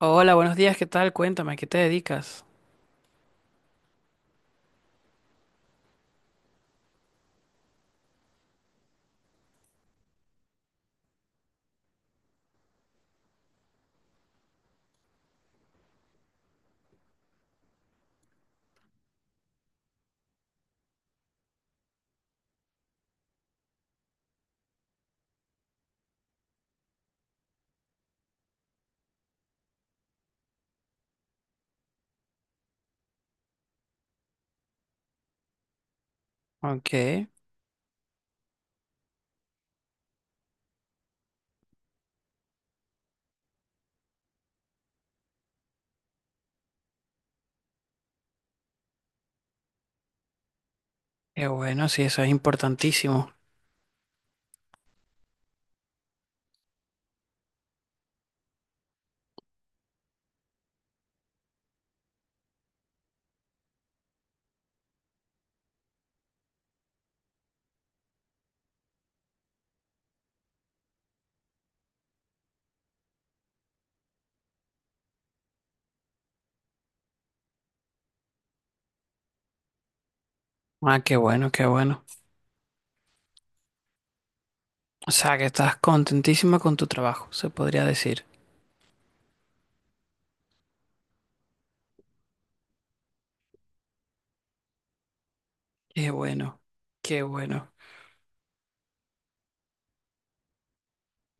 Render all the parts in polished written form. Hola, buenos días, ¿qué tal? Cuéntame, ¿a qué te dedicas? Ok, qué bueno, sí, eso es importantísimo. Ah, qué bueno, qué bueno. O sea, que estás contentísima con tu trabajo, se podría decir. Qué bueno, qué bueno.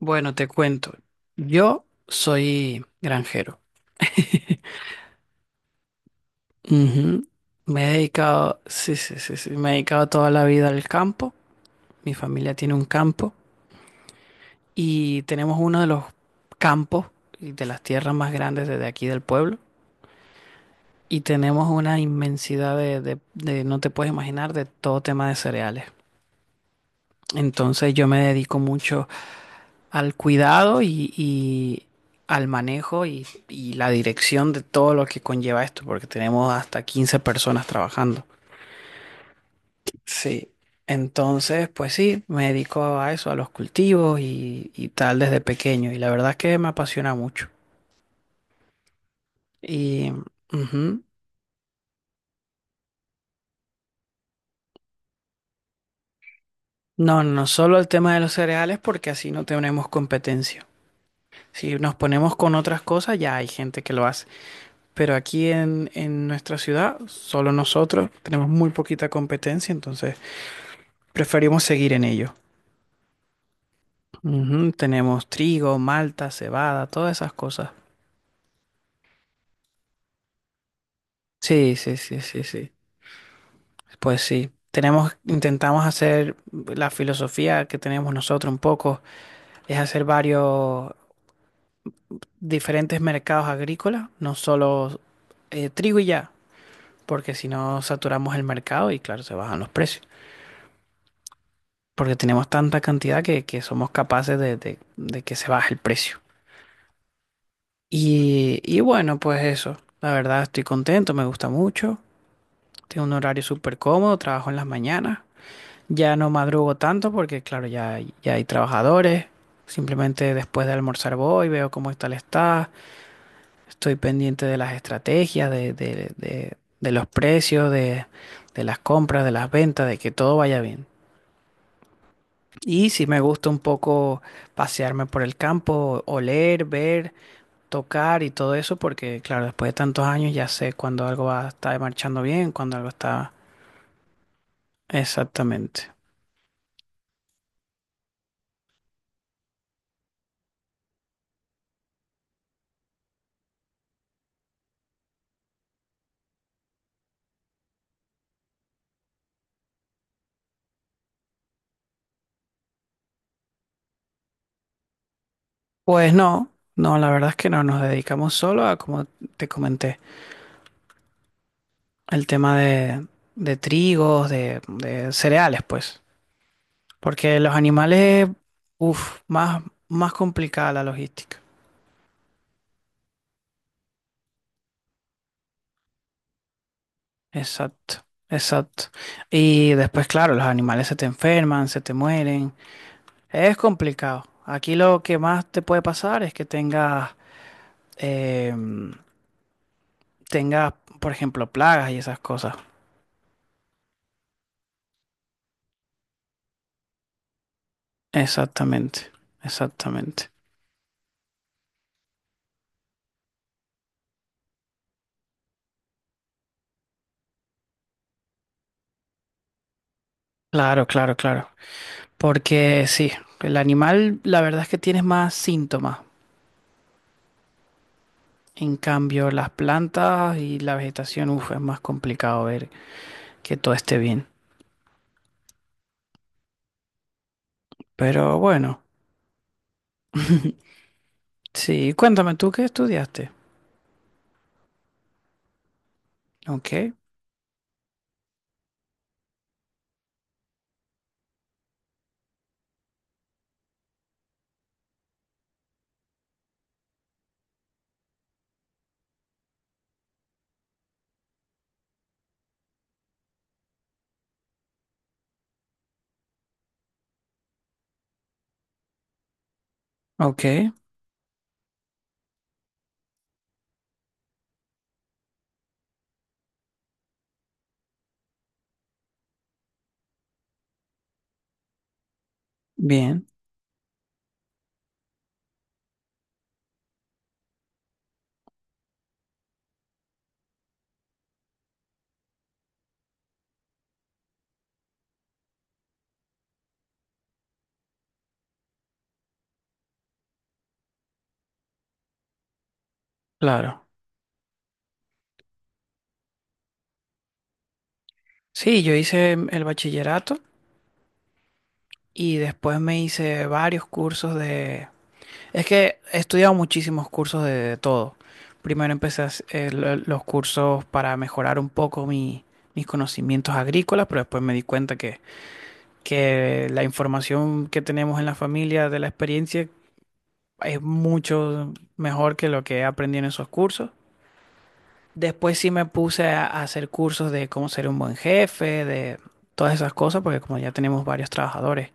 Bueno, te cuento. Yo soy granjero. Ujú. Me he dedicado, sí, sí, sí, sí, me he dedicado toda la vida al campo. Mi familia tiene un campo y tenemos uno de los campos y de las tierras más grandes desde aquí del pueblo. Y tenemos una inmensidad no te puedes imaginar, de todo tema de cereales. Entonces yo me dedico mucho al cuidado y al manejo y la dirección de todo lo que conlleva esto, porque tenemos hasta 15 personas trabajando. Sí. Entonces, pues sí, me dedico a eso, a los cultivos y tal desde pequeño. Y la verdad es que me apasiona mucho. Y ujú. No, no solo el tema de los cereales, porque así no tenemos competencia. Si nos ponemos con otras cosas, ya hay gente que lo hace. Pero aquí en nuestra ciudad, solo nosotros tenemos muy poquita competencia, entonces preferimos seguir en ello. Ujú, tenemos trigo, malta, cebada, todas esas cosas. Sí, sí, sí, sí, sí. Pues sí. Tenemos, intentamos hacer la filosofía que tenemos nosotros un poco, es hacer varios diferentes mercados agrícolas, no solo trigo y ya, porque si no saturamos el mercado y claro, se bajan los precios. Porque tenemos tanta cantidad que somos capaces de que se baje el precio. Y bueno, pues eso, la verdad estoy contento, me gusta mucho, tengo un horario súper cómodo, trabajo en las mañanas, ya no madrugo tanto porque claro, ya, ya hay trabajadores, simplemente después de almorzar voy, veo cómo está, estoy pendiente de las estrategias, de los precios, de las compras, de las ventas, de que todo vaya bien. Y sí me gusta un poco pasearme por el campo, oler, ver, tocar y todo eso, porque claro, después de tantos años ya sé cuando algo va, está marchando bien, cuando algo está exactamente. Pues no, no, la verdad es que no, nos dedicamos solo a, como te comenté, el tema de trigos, de cereales, pues, porque los animales, uff, más, más complicada la logística. Exacto, exacto. Y después, claro, los animales se te enferman, se te mueren. Es complicado. Aquí lo que más te puede pasar es que tengas, em, tengas, por ejemplo, plagas y esas cosas. Exactamente, exactamente. Claro, claro, claro. Porque sí, el animal, la verdad es que tienes más síntomas. En cambio, las plantas y la vegetación, uf, es más complicado ver que todo esté bien. Pero bueno. Sí, cuéntame, ¿tú qué estudiaste? Ok, ok, bien, claro. Sí, yo hice el bachillerato y después me hice varios cursos de... Es que he estudiado muchísimos cursos de todo. Primero empecé a los cursos para mejorar un poco mis conocimientos agrícolas, pero después me di cuenta que la información que tenemos en la familia de la experiencia es mucho mejor que lo que aprendí en esos cursos. Después sí me puse a hacer cursos de cómo ser un buen jefe, de todas esas cosas, porque como ya tenemos varios trabajadores,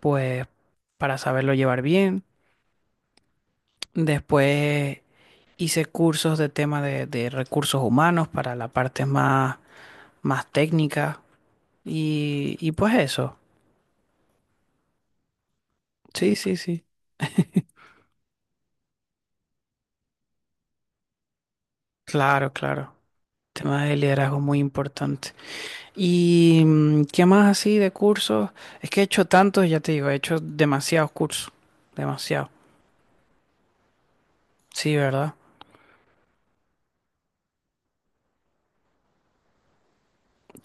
pues para saberlo llevar bien. Después hice cursos de tema de recursos humanos para la parte más, más técnica. Y pues eso. Sí, sí, sí. Claro, claro. Tema de liderazgo muy importante. ¿Y qué más así de cursos? Es que he hecho tantos, ya te digo, he hecho demasiados cursos. Demasiado. Sí, ¿verdad?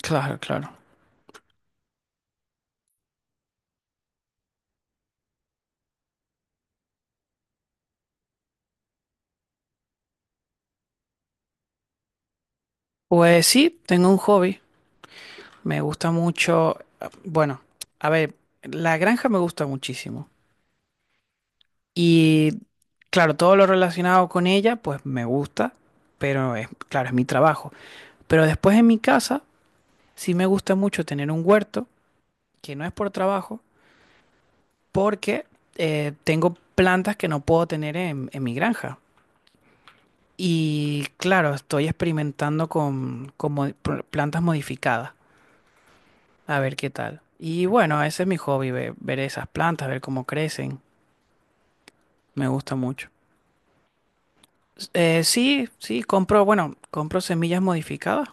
Claro, claro. Pues sí, tengo un hobby. Me gusta mucho. Bueno, a ver, la granja me gusta muchísimo. Y claro, todo lo relacionado con ella, pues me gusta, pero es, claro, es mi trabajo. Pero después en mi casa, sí me gusta mucho tener un huerto, que no es por trabajo, porque tengo plantas que no puedo tener en mi granja. Y claro, estoy experimentando con plantas modificadas. A ver qué tal. Y bueno, ese es mi hobby, ver, esas plantas, ver cómo crecen. Me gusta mucho. Sí, sí, compro, bueno, compro semillas modificadas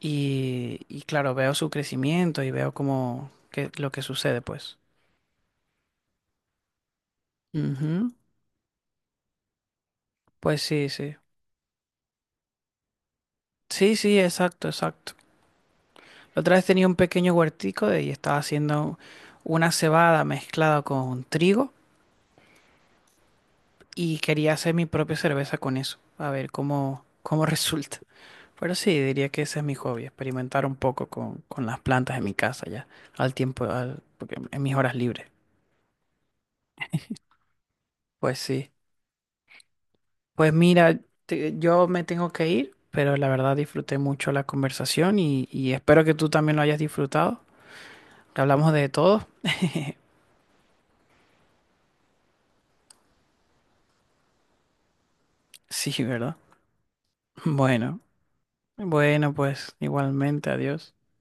y claro, veo su crecimiento y veo cómo, qué, lo que sucede, pues. Ujú. Pues sí, sí. Sí, sí, exacto, exacto. La otra vez tenía un pequeño y estaba haciendo una cebada mezclada con trigo. Y quería hacer mi propia cerveza con eso, a ver cómo, cómo resulta. Pero sí, diría que ese es mi hobby, experimentar un poco con las plantas en mi casa ya, al tiempo, porque en mis horas libres. Pues sí. Pues mira, yo me tengo que ir, pero la verdad disfruté mucho la conversación y espero que tú también lo hayas disfrutado. Hablamos de todo. Sí, ¿verdad? Bueno, bueno, pues igualmente, adiós.